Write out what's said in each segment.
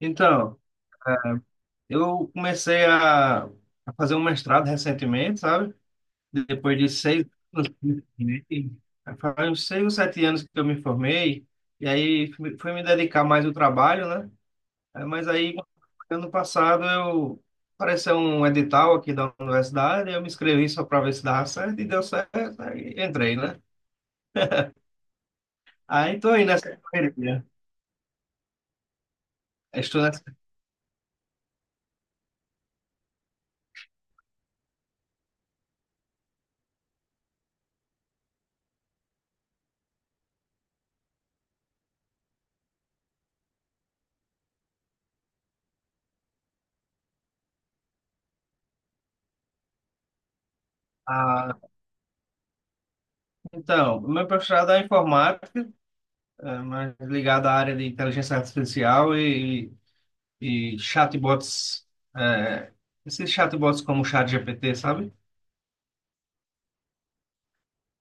Então, eu comecei a fazer um mestrado recentemente, sabe? Depois de seis anos, né? Faz uns seis ou sete anos que eu me formei, e aí fui me dedicar mais ao trabalho, né? Mas aí, ano passado, eu apareceu um edital aqui da universidade, eu me inscrevi só para ver se dava certo, e deu certo, aí entrei, né? Aí estou aí nessa correria. Estou nessa... Ah, então, meu mestrado é informática, é, mais ligado à área de inteligência artificial e chatbots, é, esses chatbots como o ChatGPT, sabe?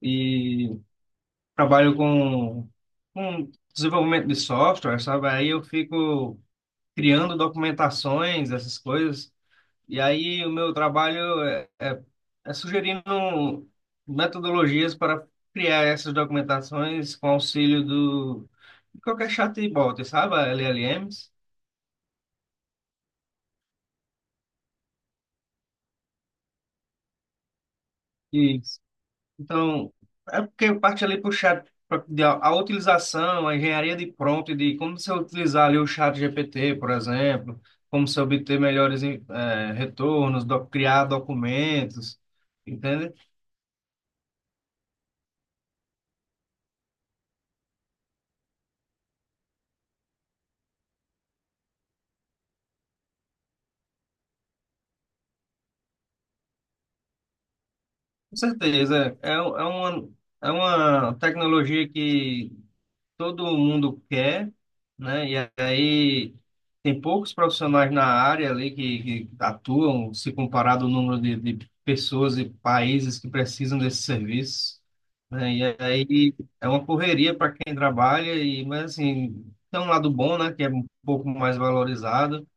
E trabalho com desenvolvimento de software, sabe? Aí eu fico criando documentações, essas coisas. E aí o meu trabalho é sugerindo metodologias para criar essas documentações com auxílio do de qualquer chatbot, sabe? LLMs. E Então, é porque eu parti ali para o chat, a utilização, a engenharia de prompt, de como você utilizar ali o chat GPT, por exemplo, como você obter melhores retornos, criar documentos, entende? Com certeza, é uma tecnologia que todo mundo quer, né? E aí tem poucos profissionais na área ali que atuam, se comparado ao número de pessoas e países que precisam desse serviço, né? E aí é uma correria para quem trabalha, e, mas assim, tem um lado bom, né? Que é um pouco mais valorizado,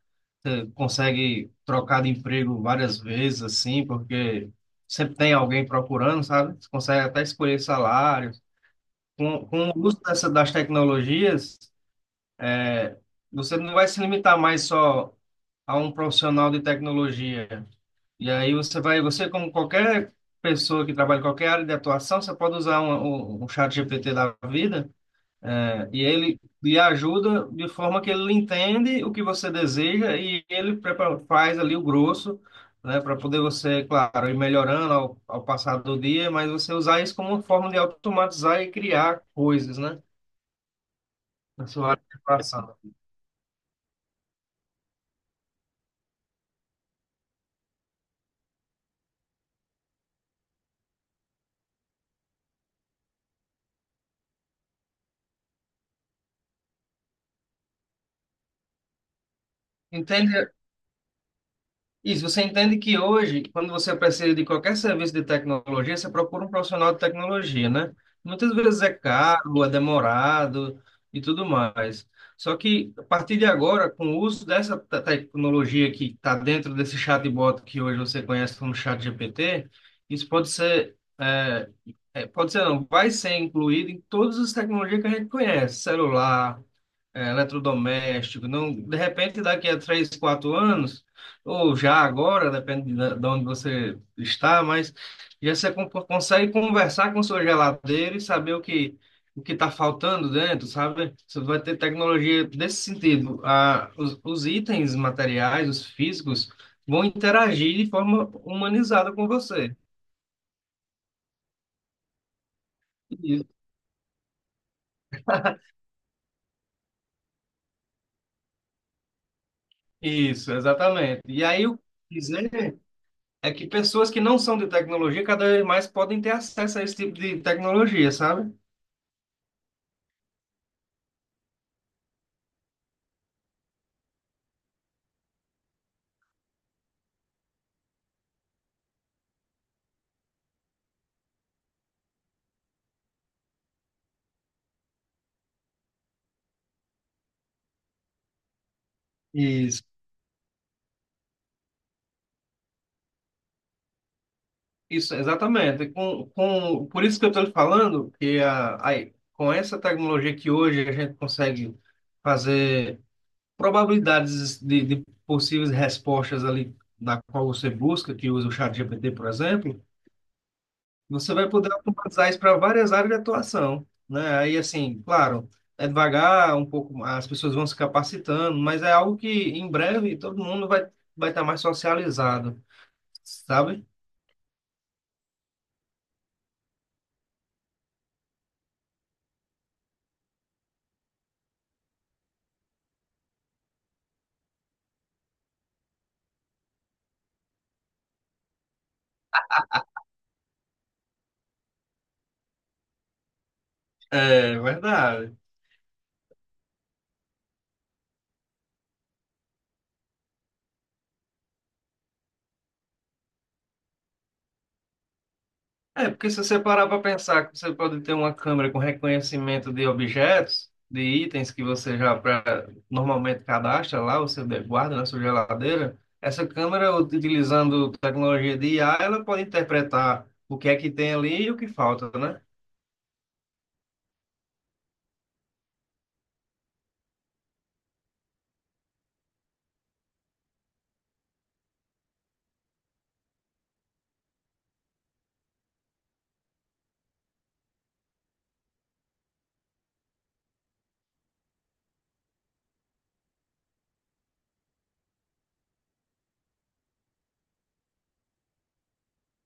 você consegue trocar de emprego várias vezes, assim, porque sempre tem alguém procurando, sabe? Você consegue até escolher salário, com o uso dessa, das tecnologias, é, você não vai se limitar mais só a um profissional de tecnologia. E aí você vai, você como qualquer pessoa que trabalha em qualquer área de atuação, você pode usar um chat GPT da vida, é, e ele lhe ajuda de forma que ele entende o que você deseja e ele prepara, faz ali o grosso, né, para poder você, claro, ir melhorando ao passar do dia, mas você usar isso como uma forma de automatizar e criar coisas, né? Na sua área de atuação. Entende isso? Você entende que hoje, quando você precisa de qualquer serviço de tecnologia, você procura um profissional de tecnologia, né? Muitas vezes é caro, é demorado e tudo mais. Só que, a partir de agora, com o uso dessa tecnologia que está dentro desse chatbot que hoje você conhece como ChatGPT, isso pode ser não, vai ser incluído em todas as tecnologias que a gente conhece, celular, é, eletrodoméstico, não, de repente daqui a três, quatro anos, ou já agora, depende de onde você está, mas já você consegue conversar com sua geladeira e saber o que está faltando dentro, sabe? Você vai ter tecnologia desse sentido. Os itens materiais, os físicos, vão interagir de forma humanizada com você. Isso, Isso, exatamente. E aí o que dizer é que pessoas que não são de tecnologia cada vez mais podem ter acesso a esse tipo de tecnologia, sabe? Isso. Isso, exatamente. Por isso que eu estou falando que com essa tecnologia que hoje a gente consegue fazer probabilidades de possíveis respostas ali na qual você busca, que usa o ChatGPT, por exemplo. Você vai poder automatizar isso para várias áreas de atuação, né? Aí, assim, claro, é devagar, um pouco, as pessoas vão se capacitando, mas é algo que em breve todo mundo vai estar mais socializado, sabe? É verdade. É, porque se você parar para pensar que você pode ter uma câmera com reconhecimento de objetos, de itens que você já normalmente cadastra lá, você guarda na sua geladeira, essa câmera, utilizando tecnologia de IA, ela pode interpretar o que é que tem ali e o que falta, né?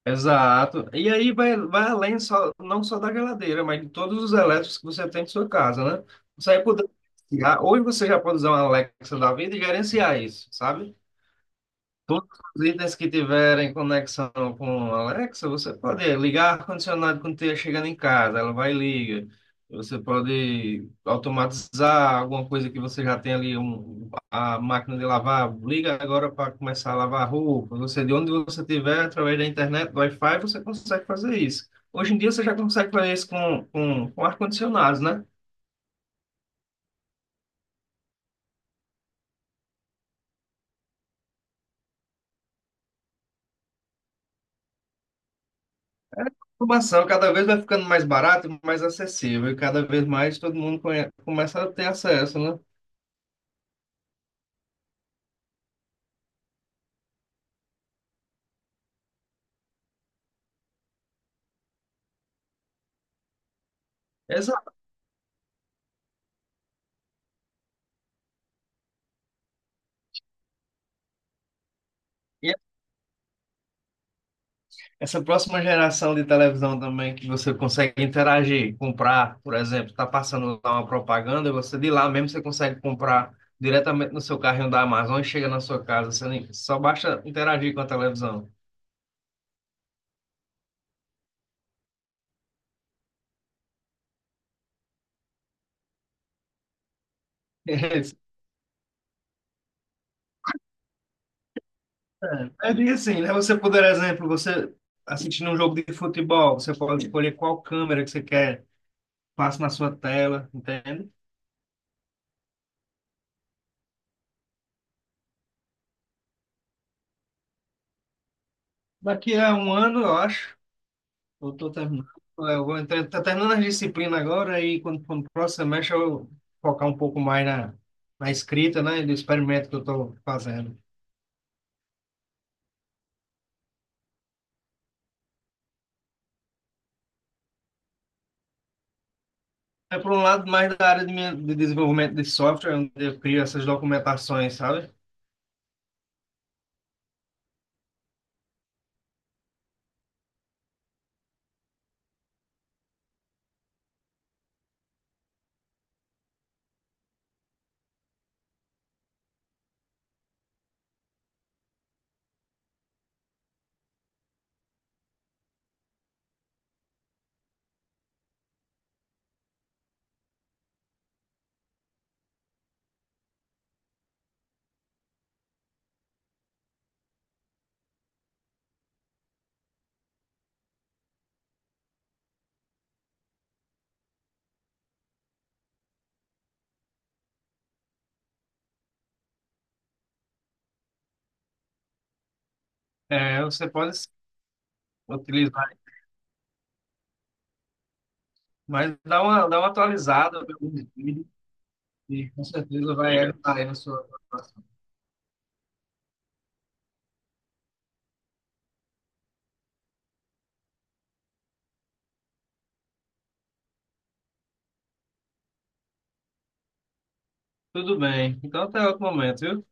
Exato. E aí vai além só, não só da geladeira, mas de todos os elétricos que você tem em sua casa, né? Você vai poder... Hoje você já pode usar uma Alexa da vida e gerenciar isso, sabe? Todos os itens que tiverem conexão com a Alexa, você pode ligar ar-condicionado quando estiver chegando em casa, ela vai e liga. Você pode automatizar alguma coisa que você já tem ali, um, a máquina de lavar, liga agora para começar a lavar roupa. Você, de onde você estiver, através da internet, do Wi-Fi, você consegue fazer isso. Hoje em dia você já consegue fazer isso com ar-condicionados, né? Informação cada vez vai ficando mais barato e mais acessível, e cada vez mais todo mundo começa a ter acesso, né? E essa próxima geração de televisão também, que você consegue interagir, comprar, por exemplo, está passando lá uma propaganda, você de lá mesmo você consegue comprar diretamente no seu carrinho da Amazon e chega na sua casa, você só basta interagir com a televisão. É, é bem assim, né? Você, por exemplo, você assistindo um jogo de futebol, você pode escolher qual câmera que você quer, passa na sua tela, entende? Daqui a um ano, eu acho. Eu tô terminando, tá terminando as disciplinas agora e quando for no próximo semestre eu focar um pouco mais na, na escrita, né, do experimento que eu estou fazendo. É por um lado mais da área de desenvolvimento de software, onde eu crio essas documentações, sabe? É, você pode sim, utilizar, mas dá dá uma atualizada, ver alguns vídeos e com certeza vai ajudar aí na sua preparação. Tudo bem, então até outro momento, viu?